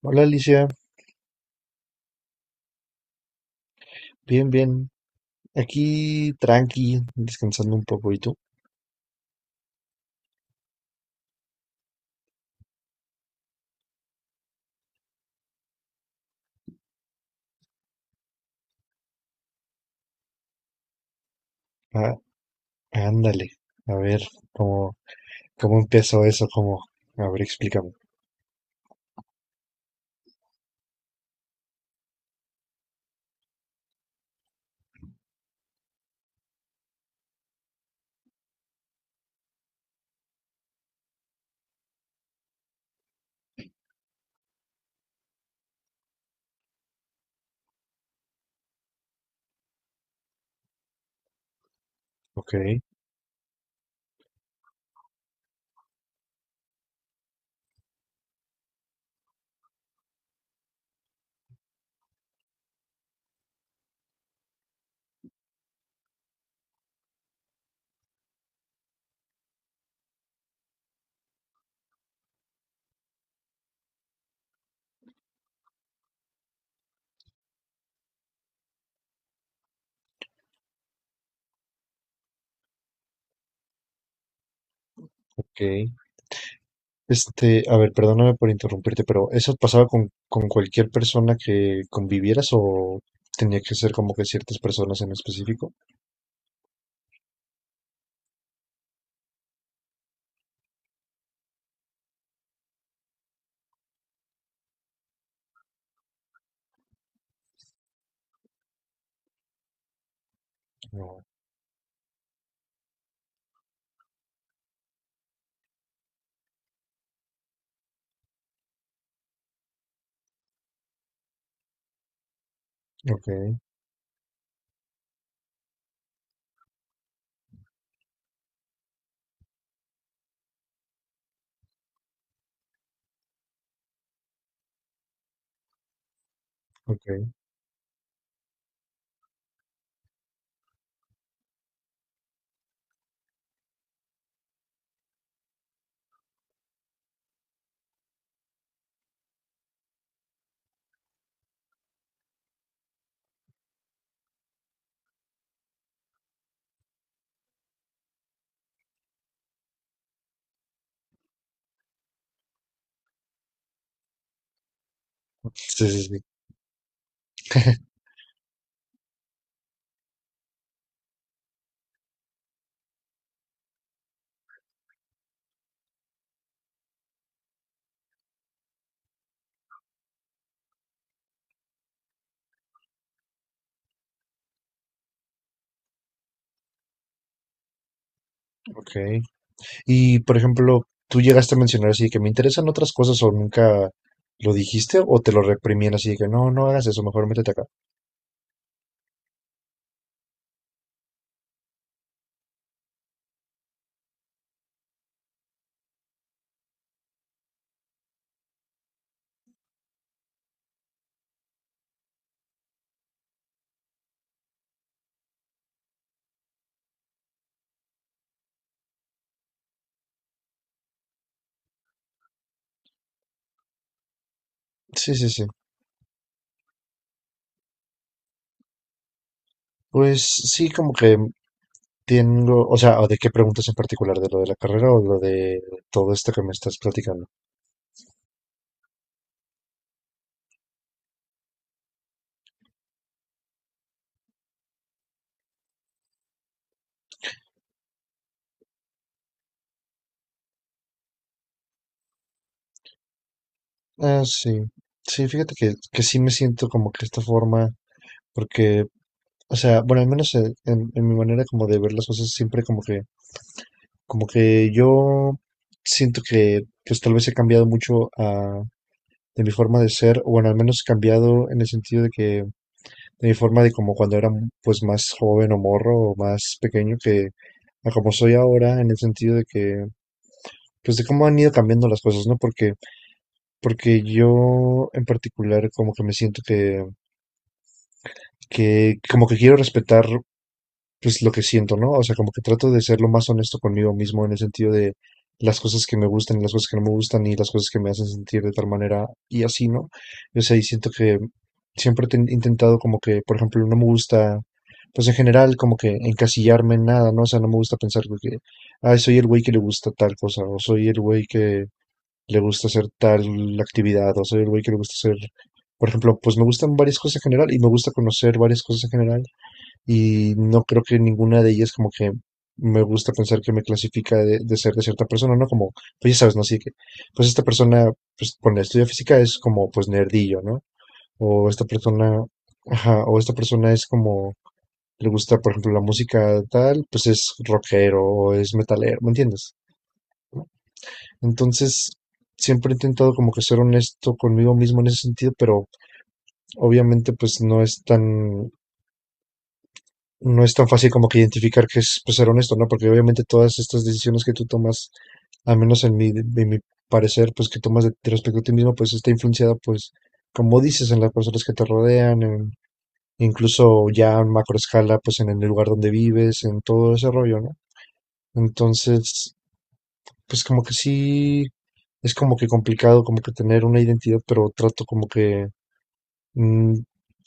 Hola Alicia, bien, bien. Aquí tranqui, descansando un poco. ¿Y tú? Ah, ándale, a ver cómo, cómo empezó eso, cómo. A ver, explícame. Ok, ok. A ver, perdóname por interrumpirte, pero ¿eso pasaba con cualquier persona que convivieras o tenía que ser como que ciertas personas en específico? No. Ok, ok. Sí, sí, sí. Ok. Y, por ejemplo, tú llegaste a mencionar así de que me interesan otras cosas, o nunca lo dijiste o te lo reprimían así de que no, no hagas eso, mejor métete acá. Sí, sí, sí. Pues sí, como que tengo, o sea, ¿o ¿de qué preguntas en particular? ¿De lo de la carrera o lo de todo esto que me estás platicando? Ah, sí. Sí, fíjate que sí me siento como que de esta forma, porque, o sea, bueno, al menos en, en mi manera como de ver las cosas, siempre como que yo siento que pues tal vez he cambiado mucho de mi forma de ser, o bueno, al menos cambiado en el sentido de que de mi forma de como cuando era pues más joven o morro o más pequeño que a como soy ahora, en el sentido de que pues de cómo han ido cambiando las cosas, ¿no? Porque yo en particular como que me siento que como que quiero respetar pues lo que siento, ¿no? O sea, como que trato de ser lo más honesto conmigo mismo en el sentido de las cosas que me gustan y las cosas que no me gustan y las cosas que me hacen sentir de tal manera y así, ¿no? O sea, y siento que siempre intentado como que, por ejemplo, no me gusta, pues en general como que encasillarme en nada, ¿no? O sea, no me gusta pensar como que, ay, soy el güey que le gusta tal cosa, o soy el güey que le gusta hacer tal actividad, o soy el güey que le gusta hacer... Por ejemplo, pues me gustan varias cosas en general y me gusta conocer varias cosas en general, y no creo que ninguna de ellas como que me gusta pensar que me clasifica de, ser de cierta persona, ¿no? Como, pues ya sabes, ¿no? Así que, pues esta persona, pues con la estudia física es como, pues nerdillo, ¿no? O esta persona, ajá, o esta persona es como, le gusta, por ejemplo, la música tal, pues es rockero o es metalero, ¿me entiendes? Entonces, siempre he intentado como que ser honesto conmigo mismo en ese sentido, pero obviamente pues no es tan fácil como que identificar que es, pues, ser honesto, ¿no? Porque obviamente todas estas decisiones que tú tomas, al menos en mi, parecer, pues que tomas de respecto a ti mismo, pues está influenciada, pues, como dices, en las personas que te rodean, incluso ya en macro escala, pues en el lugar donde vives, en todo ese rollo, ¿no? Entonces, pues como que sí, es como que complicado como que tener una identidad, pero trato como que mm,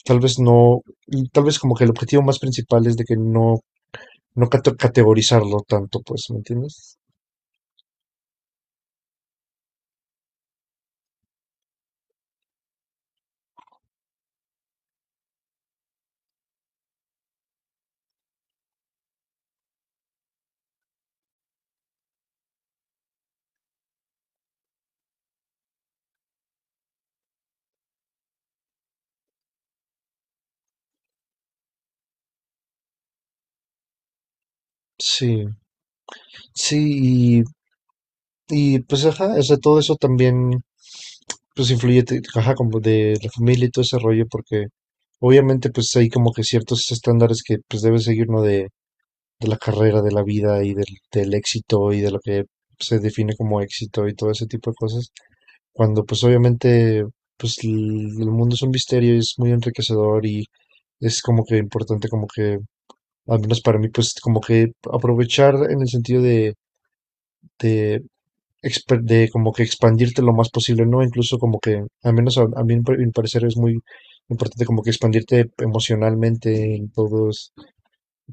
tal vez no, tal vez como que el objetivo más principal es de que no categorizarlo tanto, pues, ¿me entiendes? Sí, sí, y, pues, ajá, o sea, todo eso también, pues, influye, ajá, como de la familia y todo ese rollo, porque obviamente, pues, hay como que ciertos estándares que, pues, debe seguir uno de, la carrera, de la vida y del éxito y de lo que se define como éxito y todo ese tipo de cosas, cuando, pues, obviamente, pues, el mundo es un misterio y es muy enriquecedor y es como que importante como que, al menos para mí, pues como que aprovechar en el sentido de, de, de como que expandirte lo más posible, ¿no? Incluso como que, al menos a, mí, en mi parecer, es muy importante como que expandirte emocionalmente en todos,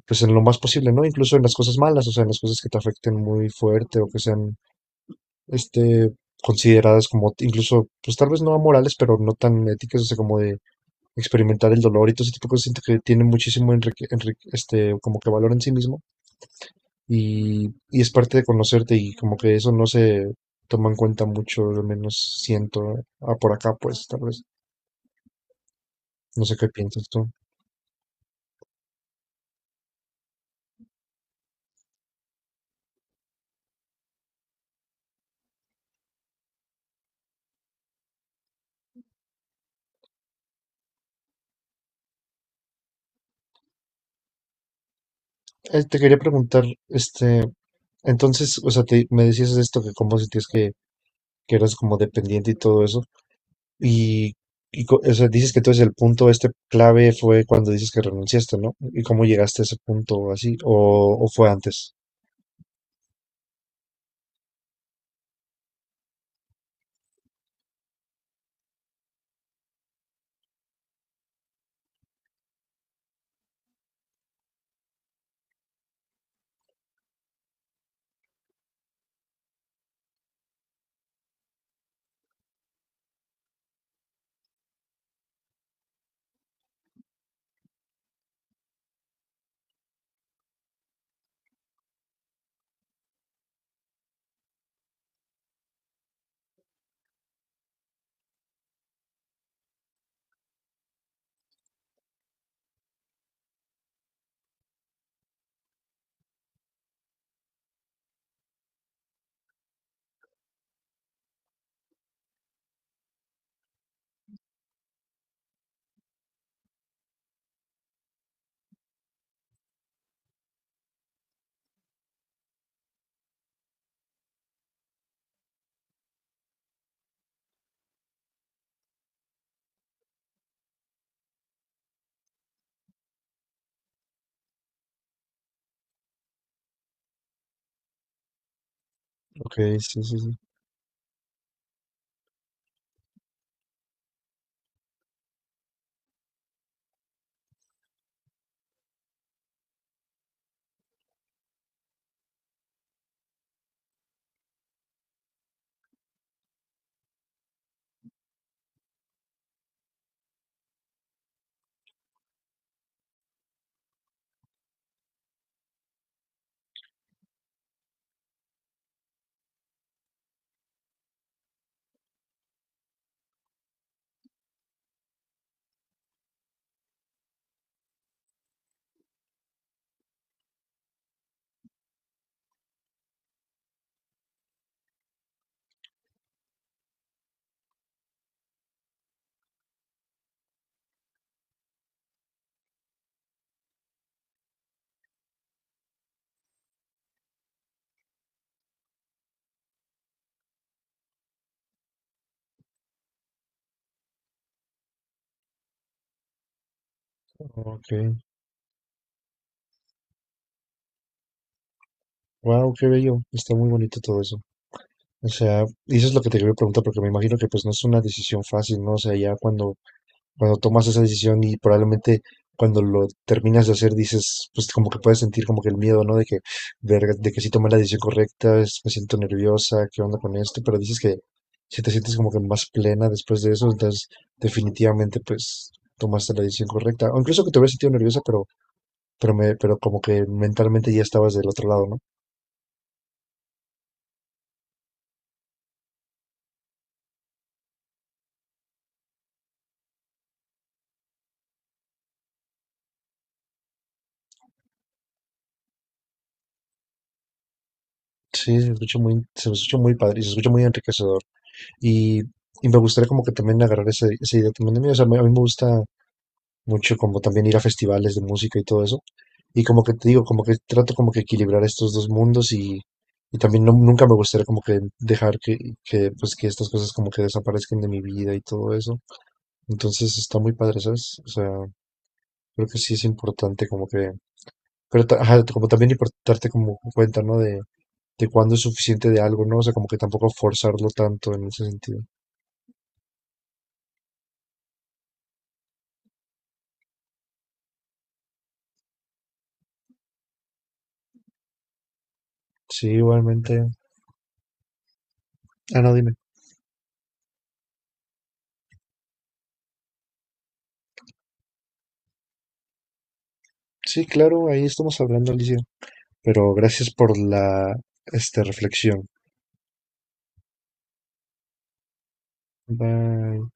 pues en lo más posible, ¿no? Incluso en las cosas malas, o sea, en las cosas que te afecten muy fuerte o que sean, este, consideradas incluso, pues tal vez no amorales, pero no tan éticas, o sea, como de experimentar el dolor y todo ese tipo de cosas, siento que tiene muchísimo como que valor en sí mismo, y, es parte de conocerte, y como que eso no se toma en cuenta mucho, al menos siento, ah, por acá pues tal vez, no sé qué piensas tú. Te quería preguntar, este, entonces, o sea, me decías esto, que como sentías que, eras como dependiente y todo eso. Y, o sea, dices que entonces el punto este clave fue cuando dices que renunciaste, ¿no? ¿Y cómo llegaste a ese punto así? ¿O, fue antes? Ok, sí, sí, sí. Ok. Wow, qué bello. Está muy bonito todo eso. O sea, y eso es lo que te quería preguntar, porque me imagino que pues no es una decisión fácil, ¿no? O sea, ya cuando tomas esa decisión y probablemente cuando lo terminas de hacer, dices, pues como que puedes sentir como que el miedo, ¿no? De que, verga, de que sí tomé la decisión correcta, me siento nerviosa, ¿qué onda con esto? Pero dices que si te sientes como que más plena después de eso, entonces definitivamente pues tomaste la decisión correcta. O incluso que te hubieras sentido nerviosa, pero, pero como que mentalmente ya estabas del otro lado, ¿no? Sí, se escucha muy, padre, y se escucha muy enriquecedor. Y, me gustaría como que también agarrar esa, idea también de mí. O sea, a mí me gusta mucho como también ir a festivales de música y todo eso. Y como que te digo, como que trato como que equilibrar estos dos mundos, y, también nunca me gustaría como que dejar que, pues que estas cosas como que desaparezcan de mi vida y todo eso. Entonces está muy padre, ¿sabes? O sea, creo que sí es importante como que, pero ajá, como también importarte como cuenta, ¿no? De, cuándo es suficiente de algo, ¿no? O sea, como que tampoco forzarlo tanto en ese sentido. Sí, igualmente. Ah, no, dime. Sí, claro, ahí estamos hablando, Alicia. Pero gracias por la, reflexión. Bye.